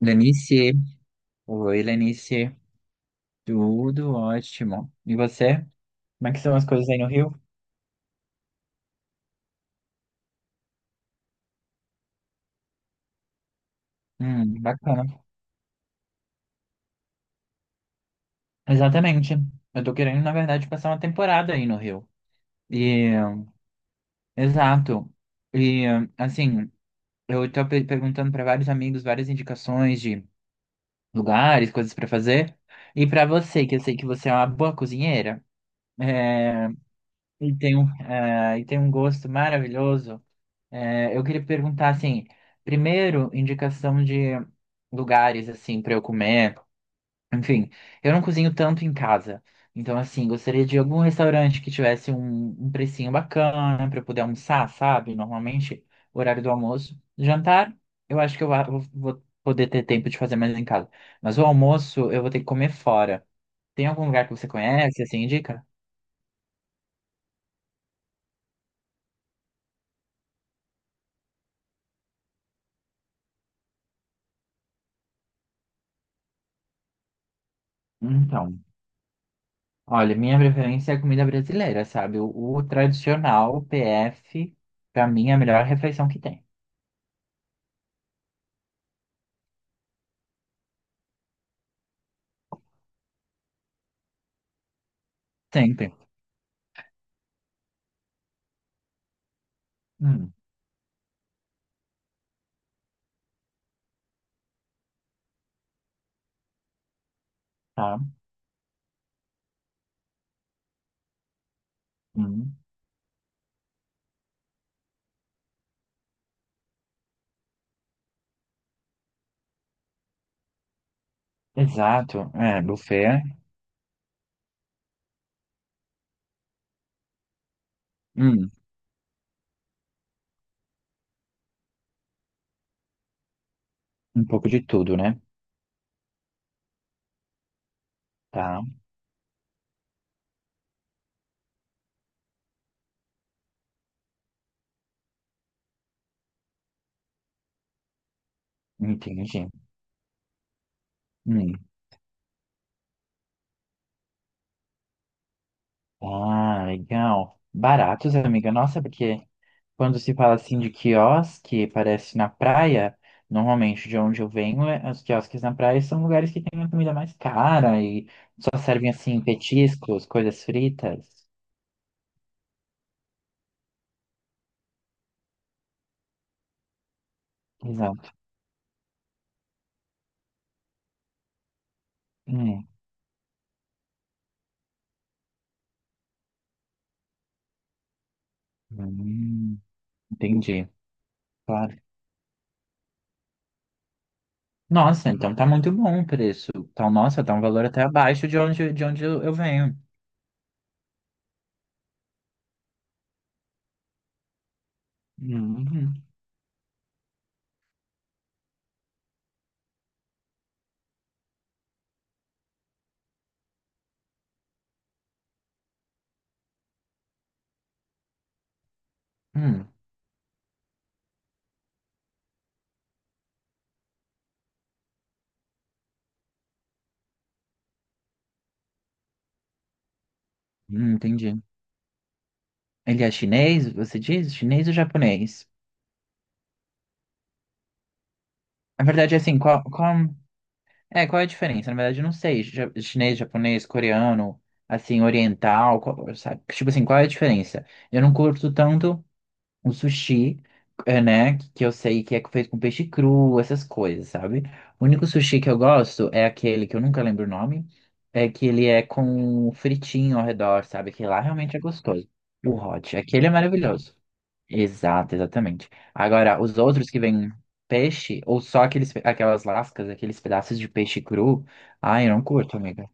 Lenice, oi Lenice, tudo ótimo. E você? Como é que são as coisas aí no Rio? Bacana. Exatamente. Eu tô querendo, na verdade, passar uma temporada aí no Rio. E, exato. E, assim, eu tô perguntando pra vários amigos várias indicações de lugares, coisas pra fazer. E pra você, que eu sei que você é uma boa cozinheira, e tem um gosto maravilhoso. É, eu queria perguntar, assim, primeiro, indicação de lugares, assim, para eu comer. Enfim, eu não cozinho tanto em casa. Então, assim, gostaria de algum restaurante que tivesse um precinho bacana para eu poder almoçar, sabe? Normalmente, o horário do almoço. Jantar, eu acho que eu vou poder ter tempo de fazer mais em casa. Mas o almoço, eu vou ter que comer fora. Tem algum lugar que você conhece, assim, indica? Então. Olha, minha preferência é a comida brasileira, sabe? O tradicional, o PF, pra mim é a melhor refeição que tem. Sempre. Hum, tá. Hum, exato. É, buffet. É, hum, um pouco de tudo, né? Tá. Entendi. Hum. Ah, legal. Baratos, amiga. Nossa, porque quando se fala assim de quiosque, parece na praia. Normalmente, de onde eu venho, os quiosques na praia são lugares que têm a comida mais cara e só servem assim petiscos, coisas fritas. Exato. Hum, hum, entendi. Claro. Nossa, então tá muito bom o preço. Então, nossa, tá um valor até abaixo de onde eu venho. Hum, hum, entendi. Ele é chinês, você diz? Chinês ou japonês? Na verdade, assim, qual... É, qual é a diferença? Na verdade, eu não sei. Ja- Chinês, japonês, coreano, assim, oriental, qual- sabe? Tipo assim, qual é a diferença? Eu não curto tanto o sushi, é, né? Que eu sei que é feito com peixe cru, essas coisas, sabe? O único sushi que eu gosto é aquele que eu nunca lembro o nome, é que ele é com fritinho ao redor, sabe? Que lá realmente é gostoso. O hot, aquele é maravilhoso. Exato, exatamente. Agora, os outros que vêm peixe, ou só aqueles, aquelas lascas, aqueles pedaços de peixe cru, ai, eu não curto, amiga.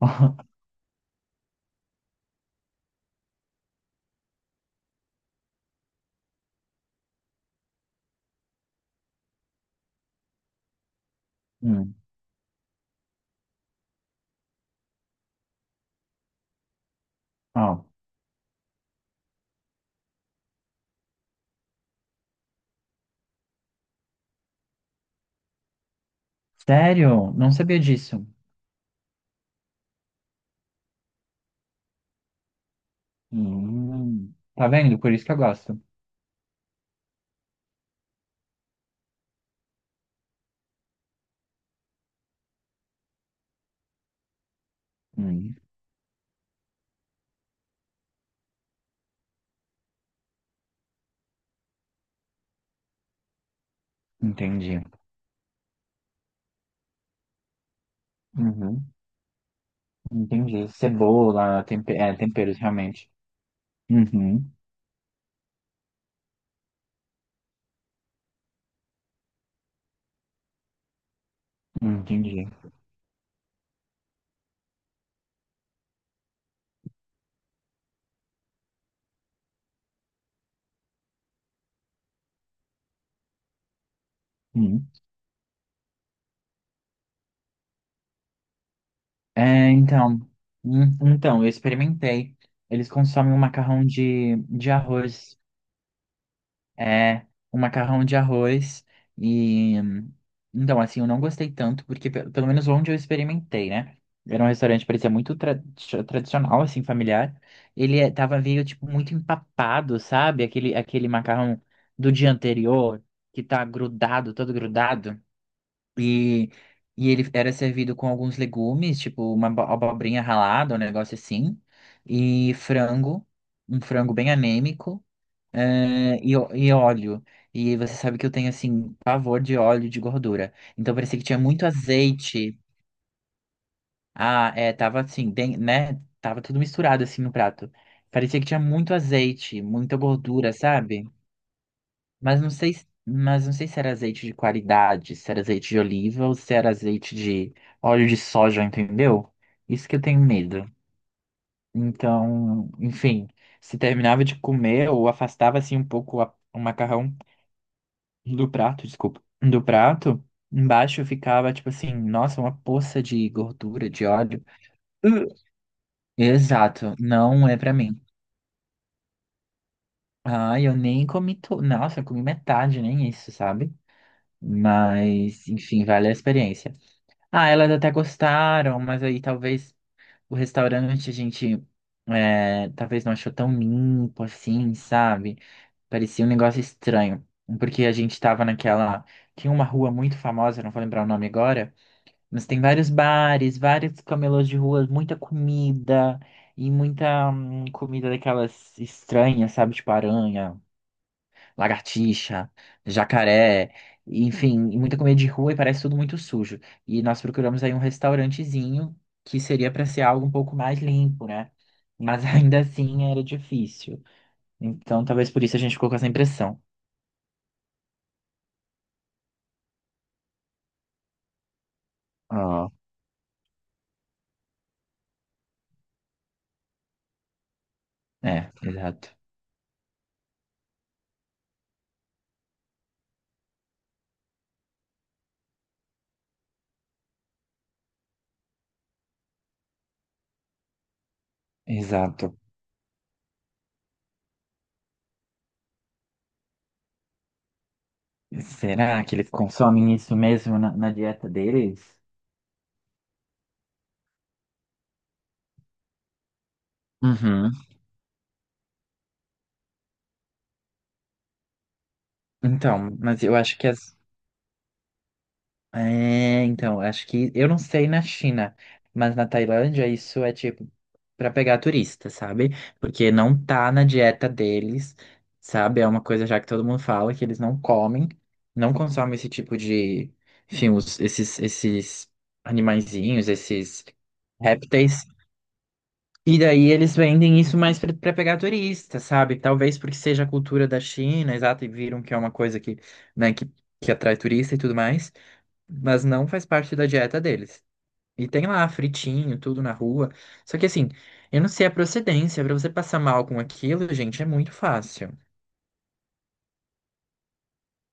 Hum, ó. Sério? Não sabia disso. Tá vendo? Por isso que eu gosto. Hum, entendi. Uhum, entendi. Cebola, temperos, realmente. Uhum, entendi. Hum. É, então, então, eu experimentei. Eles consomem um macarrão de arroz. É, um macarrão de arroz e... Então, assim, eu não gostei tanto, porque pelo menos onde eu experimentei, né? Era um restaurante que parecia muito tradicional, assim, familiar. Ele tava meio, tipo, muito empapado, sabe? Aquele macarrão do dia anterior, que tá grudado, todo grudado. E, e ele era servido com alguns legumes, tipo uma abobrinha ralada, um negócio assim. E frango, um frango bem anêmico e, e óleo. E você sabe que eu tenho, assim, pavor de óleo e de gordura. Então parecia que tinha muito azeite. Ah, é, tava assim, né? Tava tudo misturado, assim, no prato. Parecia que tinha muito azeite, muita gordura, sabe? Mas não sei, mas não sei se era azeite de qualidade, se era azeite de oliva ou se era azeite de óleo de soja, entendeu? Isso que eu tenho medo. Então, enfim, se terminava de comer ou afastava, assim, um pouco o macarrão do prato, desculpa, do prato, embaixo ficava tipo assim, nossa, uma poça de gordura, de óleo. Uh. Exato, não é pra mim. Ah, eu nem comi tudo. Nossa, eu comi metade, nem isso, sabe? Mas, enfim, vale a experiência. Ah, elas até gostaram, mas aí talvez o restaurante a gente é, talvez não achou tão limpo assim, sabe? Parecia um negócio estranho. Porque a gente tava naquela. Tinha uma rua muito famosa, não vou lembrar o nome agora. Mas tem vários bares, vários camelôs de rua, muita comida e muita comida daquelas estranhas, sabe? Tipo aranha, lagartixa, jacaré, e, enfim, e muita comida de rua e parece tudo muito sujo. E nós procuramos aí um restaurantezinho que seria para ser algo um pouco mais limpo, né? Mas ainda assim era difícil. Então talvez por isso a gente ficou com essa impressão. Ah, é, exato. Exato. Será que eles consomem isso mesmo na dieta deles? Uhum. Então, mas eu acho que as. É, então, acho que. Eu não sei na China, mas na Tailândia isso é tipo pra pegar turista, sabe? Porque não tá na dieta deles, sabe? É uma coisa já que todo mundo fala que eles não comem, não consomem esse tipo de. Enfim, esses animaizinhos, esses répteis, e daí eles vendem isso mais para pegar turista, sabe? Talvez porque seja a cultura da China, exato, e viram que é uma coisa que, que atrai turista e tudo mais, mas não faz parte da dieta deles. E tem lá fritinho, tudo na rua. Só que assim, eu não sei a procedência, para você passar mal com aquilo, gente, é muito fácil.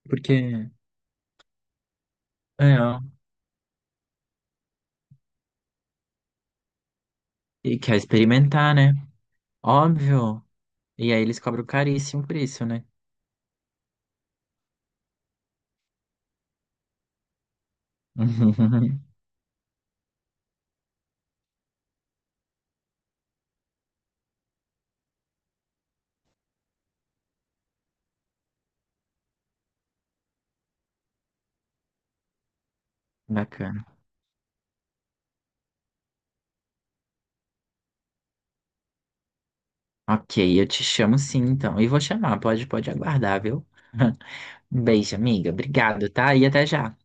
Porque, é, ó, e quer experimentar, né? Óbvio. E aí eles cobram caríssimo por isso, né? Bacana. Ok, eu te chamo sim, então. E vou chamar, pode, pode aguardar, viu? Um beijo, amiga. Obrigado, tá? E até já.